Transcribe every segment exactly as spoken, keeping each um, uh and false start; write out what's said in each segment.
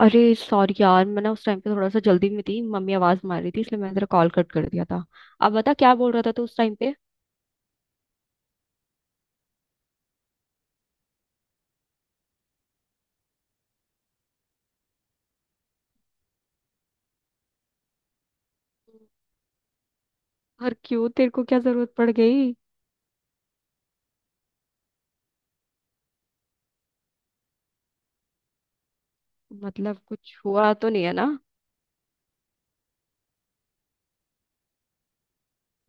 अरे सॉरी यार, मैं ना उस टाइम पे थोड़ा सा जल्दी में थी। मम्मी आवाज मार रही थी, इसलिए मैंने तेरा कॉल कट कर दिया था। अब बता, क्या बोल रहा था तू उस टाइम पे? और क्यों, तेरे को क्या जरूरत पड़ गई? मतलब कुछ हुआ तो नहीं है ना?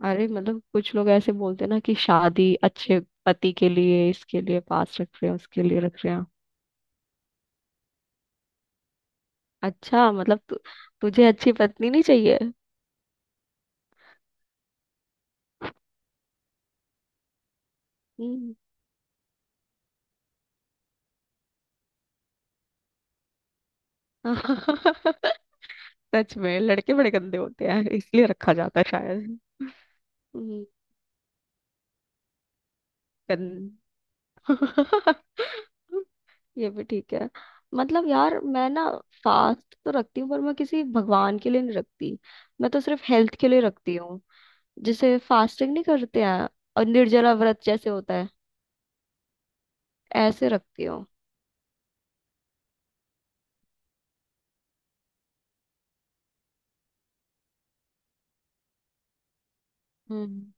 अरे मतलब कुछ लोग ऐसे बोलते हैं ना कि शादी, अच्छे पति के लिए इसके लिए पास रख रहे हैं, उसके लिए रख रहे हैं। अच्छा, मतलब तु, तुझे अच्छी पत्नी नहीं चाहिए? हम्म। सच में लड़के बड़े गंदे होते हैं, इसलिए रखा जाता है शायद। हम्म, गंद ये भी ठीक है। मतलब यार, मैं ना फास्ट तो रखती हूँ, पर मैं किसी भगवान के लिए नहीं रखती। मैं तो सिर्फ हेल्थ के लिए रखती हूँ। जिसे फास्टिंग नहीं करते हैं, और निर्जला व्रत जैसे होता है, ऐसे रखती हूँ। हम्म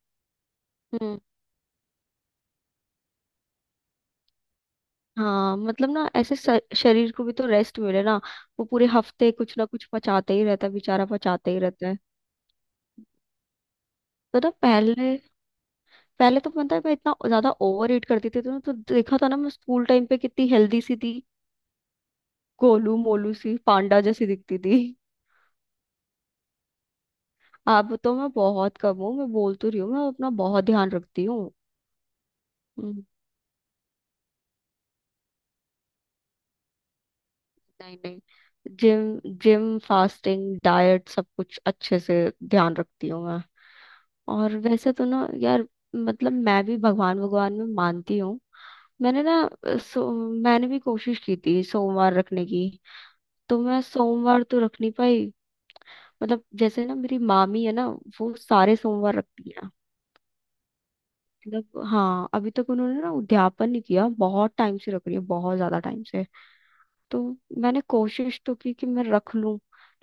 हम्म। हाँ मतलब ना, ऐसे स- शरीर को भी तो रेस्ट मिले ना। वो पूरे हफ्ते कुछ ना कुछ पचाते ही रहता है बेचारा, पचाते ही रहता है। तो ना पहले पहले तो मतलब मैं इतना ज्यादा ओवर ईट करती थी तो, ना- तो देखा था ना, मैं स्कूल टाइम पे कितनी हेल्दी सी थी। गोलू मोलू सी पांडा जैसी दिखती थी। अब तो मैं बहुत कम हूँ, मैं बोल तो रही हूँ, मैं अपना बहुत ध्यान रखती हूँ। हम्म, नहीं नहीं, जिम जिम फास्टिंग डाइट सब कुछ अच्छे से ध्यान रखती हूँ मैं। और वैसे तो ना यार, मतलब मैं भी भगवान भगवान में मानती हूँ। मैंने ना, अ, सो मैंने भी कोशिश की थी सोमवार रखने की। तो मैं सोमवार तो रख नहीं पाई। मतलब जैसे ना, मेरी मामी है ना, वो सारे सोमवार रखती है। मतलब हाँ, अभी तक उन्होंने ना उद्यापन नहीं किया, बहुत टाइम से रख रही है, बहुत ज्यादा टाइम से। तो मैंने कोशिश तो की कि मैं रख लूं,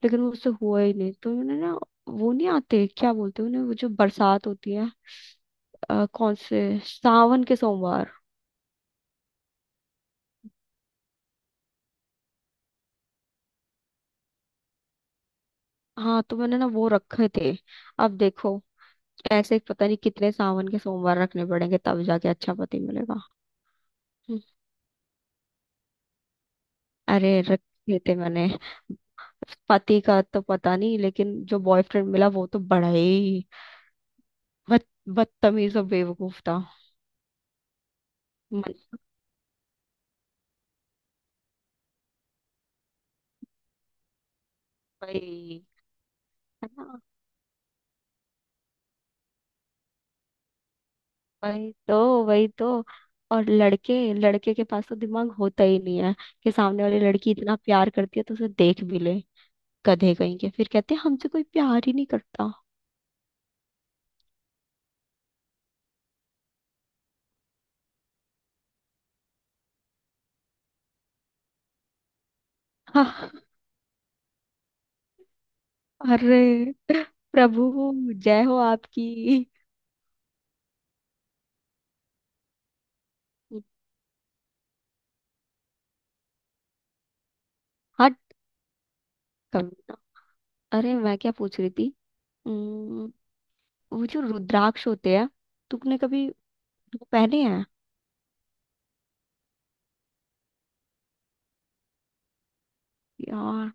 लेकिन मुझसे हुआ ही नहीं। तो उन्होंने ना, वो नहीं आते, क्या बोलते हैं उन्हें, वो जो बरसात होती है, अ, कौन से, सावन के सोमवार। हाँ तो मैंने ना वो रखे थे। अब देखो, ऐसे ही पता नहीं कितने सावन के सोमवार रखने पड़ेंगे तब जाके अच्छा पति मिलेगा। हम्म, अरे रखे थे मैंने। पति का तो पता नहीं, लेकिन जो बॉयफ्रेंड मिला वो तो बड़ा ही बद बदतमीज और बेवकूफ था। मन। भाई है ना, वही तो, वही तो। और लड़के लड़के के पास तो दिमाग होता ही नहीं है कि सामने वाली लड़की इतना प्यार करती है तो उसे देख भी ले। गधे कहीं के, फिर कहते हैं हमसे कोई प्यार ही नहीं करता। हाँ, अरे प्रभु, जय हो आपकी। हट, कमीना। अरे मैं क्या पूछ रही थी? उम्म, वो जो रुद्राक्ष होते हैं, तूने कभी वो पहने हैं? यार।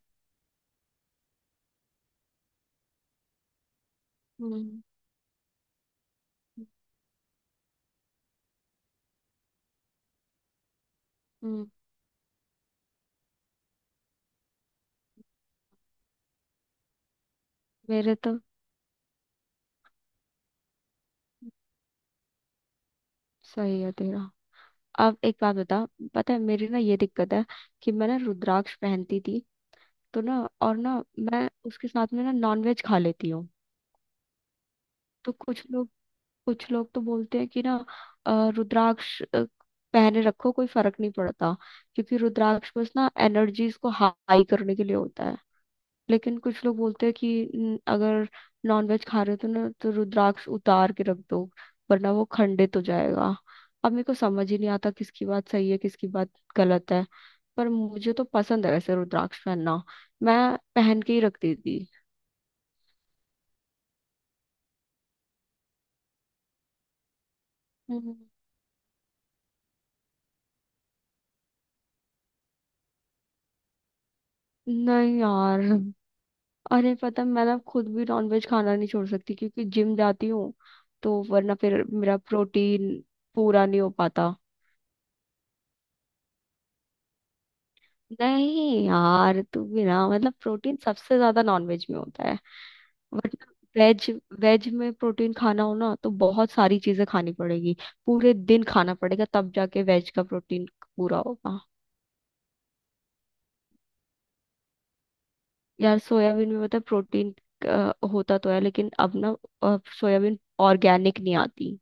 हम्म, हम्म, मेरे तो। सही है तेरा। अब एक बात बता, पता है मेरी ना ये दिक्कत है कि मैं ना रुद्राक्ष पहनती थी तो ना, और ना मैं उसके साथ में ना नॉनवेज खा लेती हूँ। तो कुछ लोग, कुछ लोग तो बोलते हैं कि ना, अ, रुद्राक्ष अ, पहने रखो कोई फर्क नहीं पड़ता, क्योंकि रुद्राक्ष बस ना एनर्जीज को हाई करने के लिए होता है। लेकिन कुछ लोग बोलते हैं कि "न- अगर नॉनवेज खा रहे हो तो ना, तो रुद्राक्ष उतार के रख दो, वरना वो खंडित हो जाएगा।" अब मेरे को समझ ही नहीं आता किसकी बात सही है, किसकी बात गलत है। पर मुझे तो पसंद है वैसे रुद्राक्ष पहनना, मैं पहन के ही रख देती। हम्म, नहीं यार। अरे पता है, मैं ना खुद भी नॉनवेज खाना नहीं छोड़ सकती क्योंकि जिम जाती हूँ, तो वरना फिर मेरा प्रोटीन पूरा नहीं हो पाता। नहीं यार, तू भी ना, मतलब प्रोटीन सबसे ज्यादा नॉनवेज में होता है, बट वेज, वेज में प्रोटीन खाना हो ना तो बहुत सारी चीजें खानी पड़ेगी। पूरे दिन खाना पड़ेगा तब जाके वेज का प्रोटीन पूरा होगा। यार सोयाबीन में, पता है, प्रोटीन होता तो है, लेकिन अब ना, अ, सोयाबीन ऑर्गेनिक नहीं आती।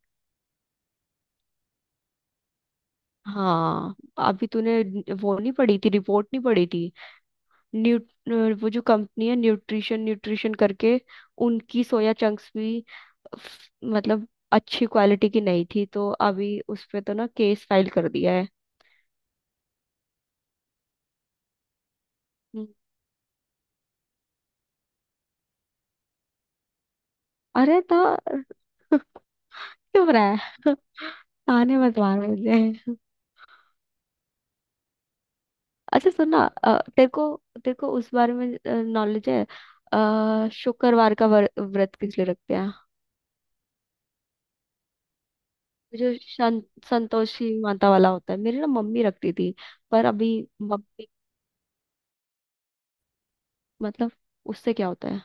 हाँ, अभी तूने न- वो नहीं पढ़ी थी रिपोर्ट, नहीं पढ़ी थी? न्यू, वो जो कंपनी है, न्यूट्रिशन न्यूट्रिशन करके, उनकी सोया चंक्स भी, फ- मतलब अच्छी क्वालिटी की नहीं थी, तो अभी उस पे तो ना केस फाइल कर दिया है। हम्म। अरे तो, चुप रहा है। ताने मत मार मुझे। अच्छा सुनना, अ, तेरे को, तेरे को उस बारे में नॉलेज है? अ, शुक्रवार का वर- व्रत किस लिए रखते हैं? जो शन- संतोषी माता वाला होता है, मेरी ना मम्मी रखती थी। पर अभी मम्मी, मतलब उससे क्या होता है?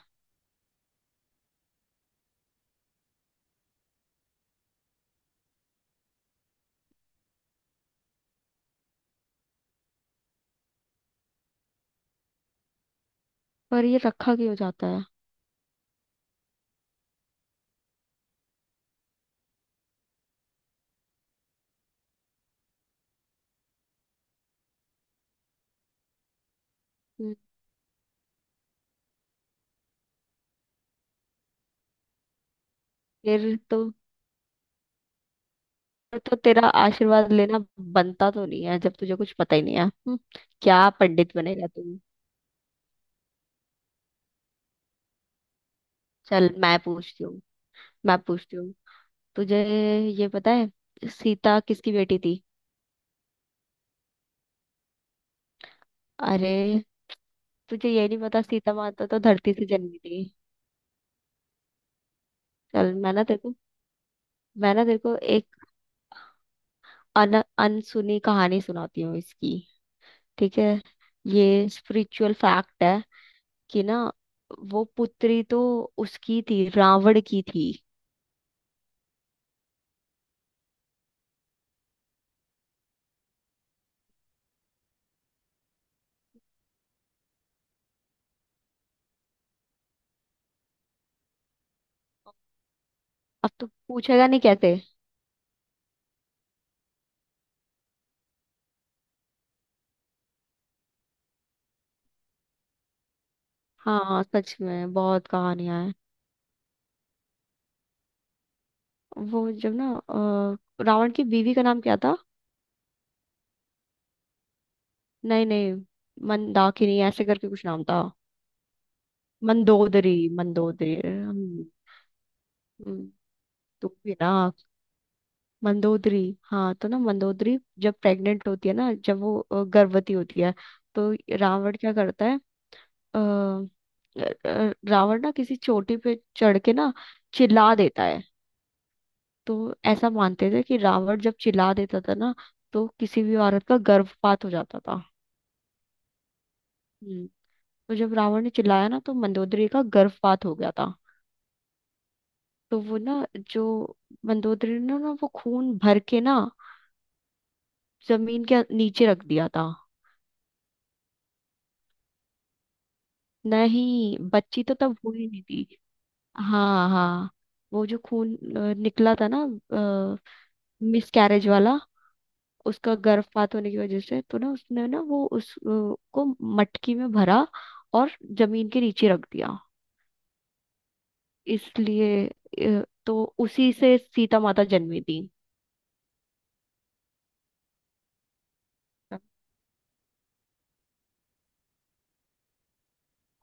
पर ये रखा क्यों जाता है? हम्म। फिर तो तो तेरा आशीर्वाद लेना बनता तो नहीं है जब तुझे कुछ पता ही नहीं है। हम्म, क्या पंडित बनेगा तू। चल मैं पूछती हूँ, मैं पूछती हूँ तुझे ये पता है, सीता किसकी बेटी थी? अरे, तुझे ये नहीं पता सीता माता तो धरती से जन्मी थी। चल, मैं ना तेरे को मैं ना तेरे को एक अन अनसुनी कहानी सुनाती हूँ इसकी, ठीक है? ये स्पिरिचुअल फैक्ट है कि ना वो पुत्री तो उसकी थी, रावण की थी। अब तो पूछेगा नहीं कैसे? हाँ सच में बहुत कहानियां हैं। वो जब ना, अ, रावण की बीवी का नाम क्या था? नहीं नहीं, मंदाकिनी ऐसे करके कुछ नाम था। मंदोदरी, मंदोदरी, हम्म, हम्म, तुम भी ना, मंदोदरी। हाँ तो ना, मंदोदरी जब प्रेग्नेंट होती है ना, जब वो अ, गर्भवती होती है, तो रावण क्या करता है? अ, अ, अ, रावण ना किसी चोटी पे चढ़ के ना, चिल्ला देता है। तो ऐसा मानते थे कि रावण जब चिल्ला देता था ना, तो किसी भी औरत का गर्भपात हो जाता था। हम्म। तो जब रावण ने चिल्लाया ना, तो मंदोदरी का गर्भपात हो गया था। तो वो ना, जो मंदोदरी ने ना, वो खून भर के ना जमीन के नीचे रख दिया था। नहीं, बच्ची तो तब हुई नहीं थी। हाँ हाँ, वो जो खून अ, निकला था ना, मिसकैरेज वाला, उसका गर्भपात होने की वजह से तो ना, उसने ना वो उस अ, को मटकी में भरा और जमीन के नीचे रख दिया। इसलिए अ, तो उसी से सीता माता जन्मी थी।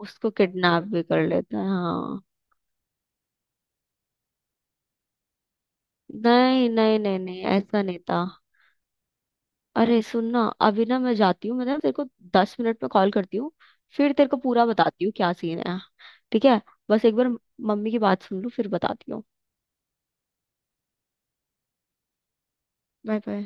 उसको किडनैप भी कर लेते हैं, हाँ। नहीं नहीं नहीं नहीं, ऐसा नहीं था। अरे सुन ना, अभी ना मैं जाती हूँ, मैं ना तेरे को दस मिनट में कॉल करती हूँ, फिर तेरे को पूरा बताती हूँ क्या सीन है, ठीक है? बस एक बार मम्मी की बात सुन लूँ, फिर बताती हूँ। Bye bye.